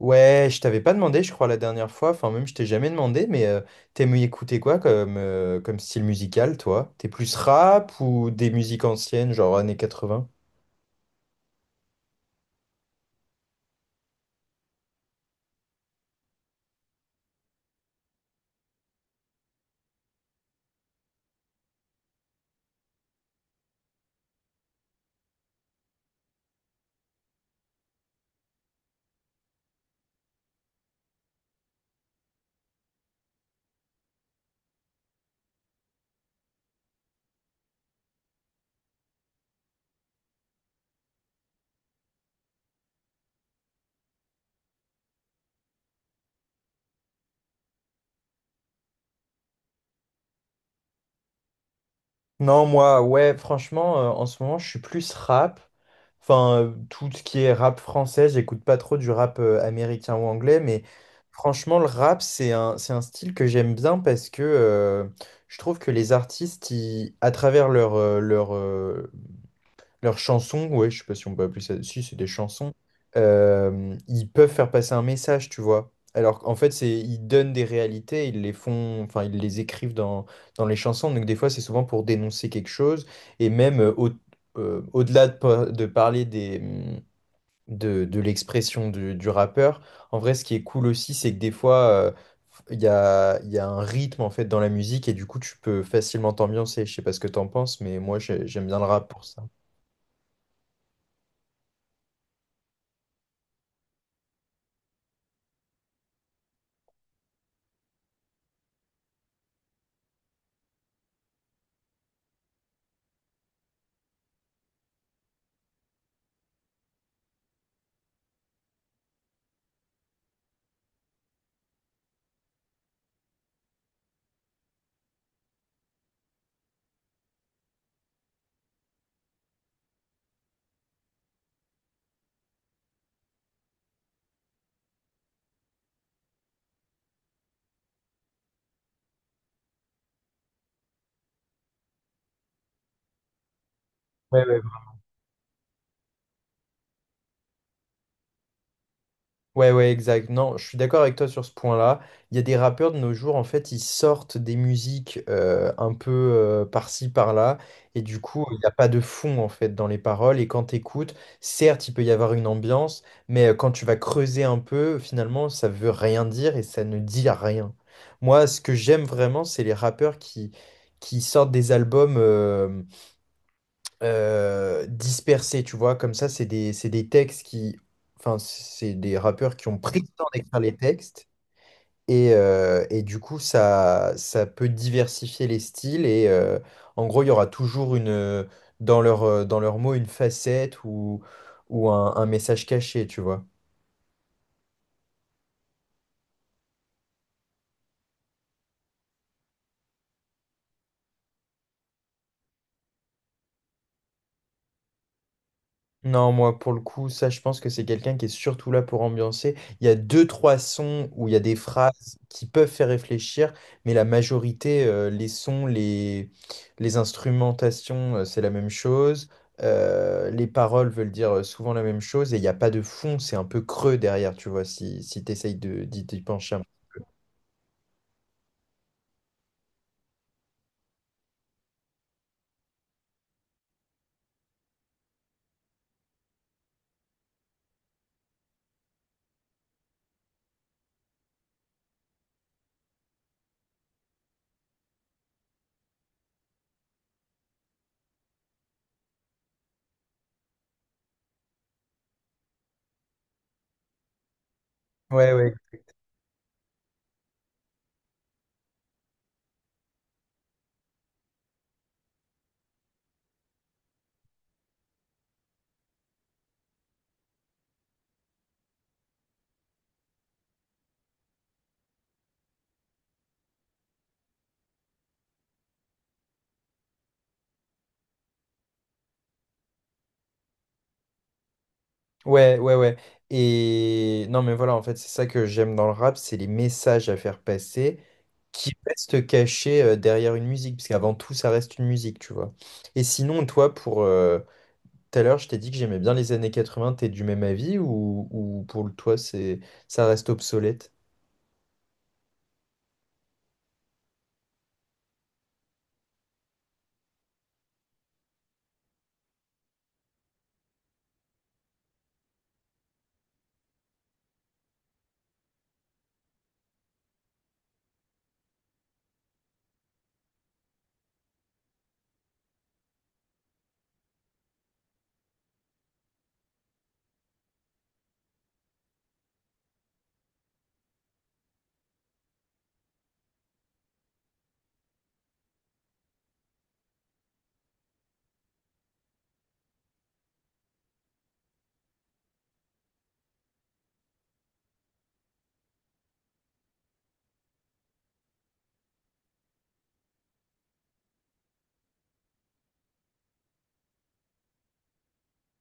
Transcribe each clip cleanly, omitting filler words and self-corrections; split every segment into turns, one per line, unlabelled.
Ouais, je t'avais pas demandé, je crois, la dernière fois. Enfin, même, je t'ai jamais demandé, mais t'aimes écouter quoi comme, comme style musical, toi? T'es plus rap ou des musiques anciennes, genre années 80? Non, moi, ouais, franchement, en ce moment, je suis plus rap. Enfin, tout ce qui est rap français, j'écoute pas trop du rap américain ou anglais, mais franchement, le rap, c'est un style que j'aime bien parce que je trouve que les artistes, à travers leur, leurs chansons, ouais, je sais pas si on peut appeler ça. Si, c'est des chansons. Ils peuvent faire passer un message, tu vois. Alors qu'en fait, c'est ils donnent des réalités, ils les font, enfin, ils les écrivent dans les chansons. Donc des fois, c'est souvent pour dénoncer quelque chose. Et même au-delà de parler de l'expression du rappeur, en vrai, ce qui est cool aussi, c'est que des fois, il y a un rythme en fait dans la musique et du coup, tu peux facilement t'ambiancer. Je sais pas ce que t'en penses, mais moi, j'aime bien le rap pour ça. Ouais, ouais, exact. Non, je suis d'accord avec toi sur ce point-là. Il y a des rappeurs de nos jours, en fait, ils sortent des musiques un peu par-ci, par-là, et du coup, il n'y a pas de fond, en fait, dans les paroles. Et quand tu écoutes, certes, il peut y avoir une ambiance, mais quand tu vas creuser un peu, finalement, ça veut rien dire et ça ne dit rien. Moi, ce que j'aime vraiment, c'est qui sortent des albums dispersés, tu vois, comme ça, c'est des textes qui... Enfin, c'est des rappeurs qui ont pris le temps d'écrire les textes, et du coup, ça peut diversifier les styles, et en gros, il y aura toujours une, dans dans leurs mots une facette ou un message caché, tu vois. Non, moi, pour le coup, ça, je pense que c'est quelqu'un qui est surtout là pour ambiancer. Il y a deux, trois sons où il y a des phrases qui peuvent faire réfléchir, mais la majorité, les instrumentations, c'est la même chose. Les paroles veulent dire souvent la même chose et il n'y a pas de fond, c'est un peu creux derrière, tu vois, si tu essayes d'y pencher un peu. Ouais, ouais, ouais, ouais, ouais. Et non, mais voilà, en fait, c'est ça que j'aime dans le rap, c'est les messages à faire passer, qui reste caché derrière une musique, parce qu'avant tout, ça reste une musique, tu vois. Et sinon, toi, pour tout à l'heure, je t'ai dit que j'aimais bien les années 80, t'es du même avis ou pour le toi, c'est ça reste obsolète?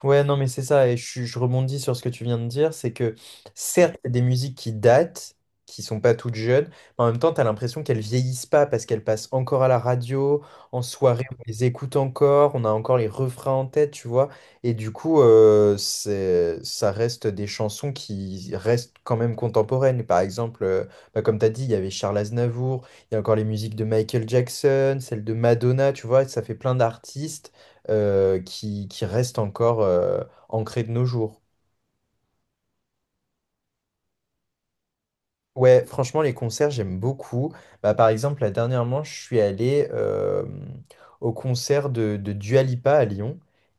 Ouais, non, mais c'est ça, et je rebondis sur ce que tu viens de dire, c'est que certes, il y a des musiques qui datent, qui sont pas toutes jeunes, mais en même temps, tu as l'impression qu'elles vieillissent pas parce qu'elles passent encore à la radio, en soirée, on les écoute encore, on a encore les refrains en tête, tu vois, et du coup, ça reste des chansons qui restent quand même contemporaines. Par exemple, bah, comme tu as dit, il y avait Charles Aznavour, il y a encore les musiques de Michael Jackson, celles de Madonna, tu vois, ça fait plein d'artistes qui restent encore ancrées de nos jours. Ouais, franchement, les concerts, j'aime beaucoup. Bah, par exemple, là, dernièrement, je suis allé au concert de Dua Lipa à Lyon.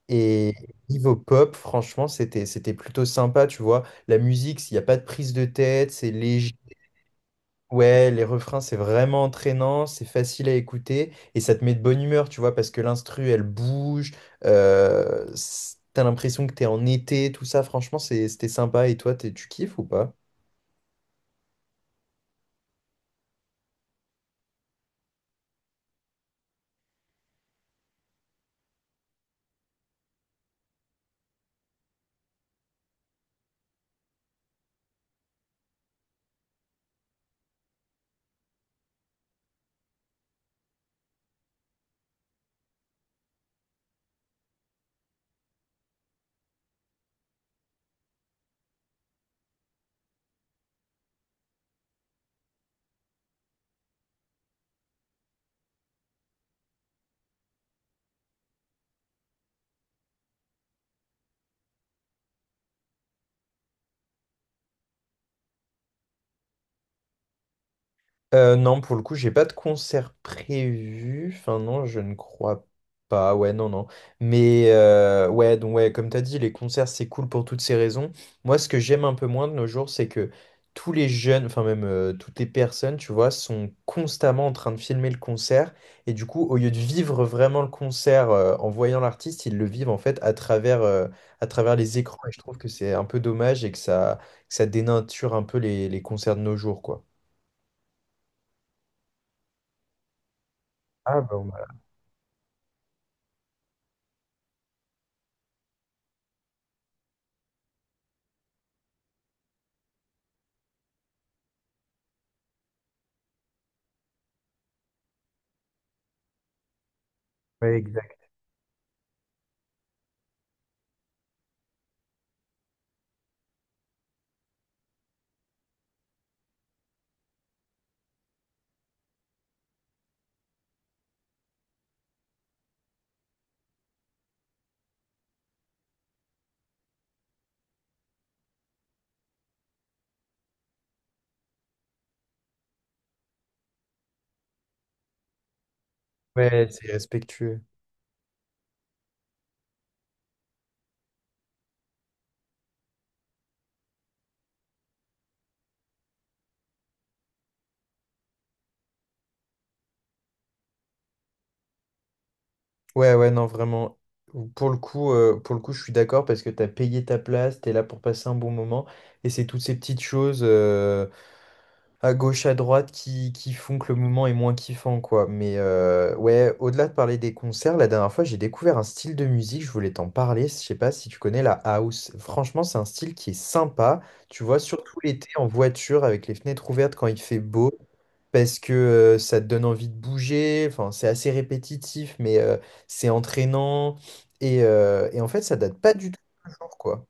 Et niveau pop, franchement, c'était plutôt sympa, tu vois. La musique, s'il n'y a pas de prise de tête, c'est léger. Ouais, les refrains, c'est vraiment entraînant, c'est facile à écouter et ça te met de bonne humeur, tu vois, parce que l'instru, elle bouge, t'as l'impression que t'es en été, tout ça, franchement, c'était sympa. Et toi, tu kiffes ou pas? Non, pour le coup, j'ai pas de concert prévu. Enfin, non, je ne crois pas. Ouais, non, non. Mais ouais, donc ouais, comme t'as dit, les concerts, c'est cool pour toutes ces raisons. Moi, ce que j'aime un peu moins de nos jours, c'est que tous les jeunes, enfin même toutes les personnes, tu vois, sont constamment en train de filmer le concert. Et du coup, au lieu de vivre vraiment le concert en voyant l'artiste, ils le vivent en fait à travers les écrans. Et je trouve que c'est un peu dommage et que ça dénature un peu les concerts de nos jours, quoi. Ah, bah, ouais, exact. Ouais, c'est respectueux. Ouais, ouais, non, vraiment. Pour le coup, je suis d'accord parce que t'as payé ta place, t'es là pour passer un bon moment. Et c'est toutes ces petites choses à gauche, à droite, qui font que le moment est moins kiffant, quoi. Mais ouais, au-delà de parler des concerts, la dernière fois, j'ai découvert un style de musique, je voulais t'en parler, je sais pas si tu connais la house. Franchement, c'est un style qui est sympa, tu vois, surtout l'été en voiture, avec les fenêtres ouvertes quand il fait beau, parce que ça te donne envie de bouger, enfin, c'est assez répétitif, mais c'est entraînant, et en fait, ça date pas du tout de nos jours, quoi.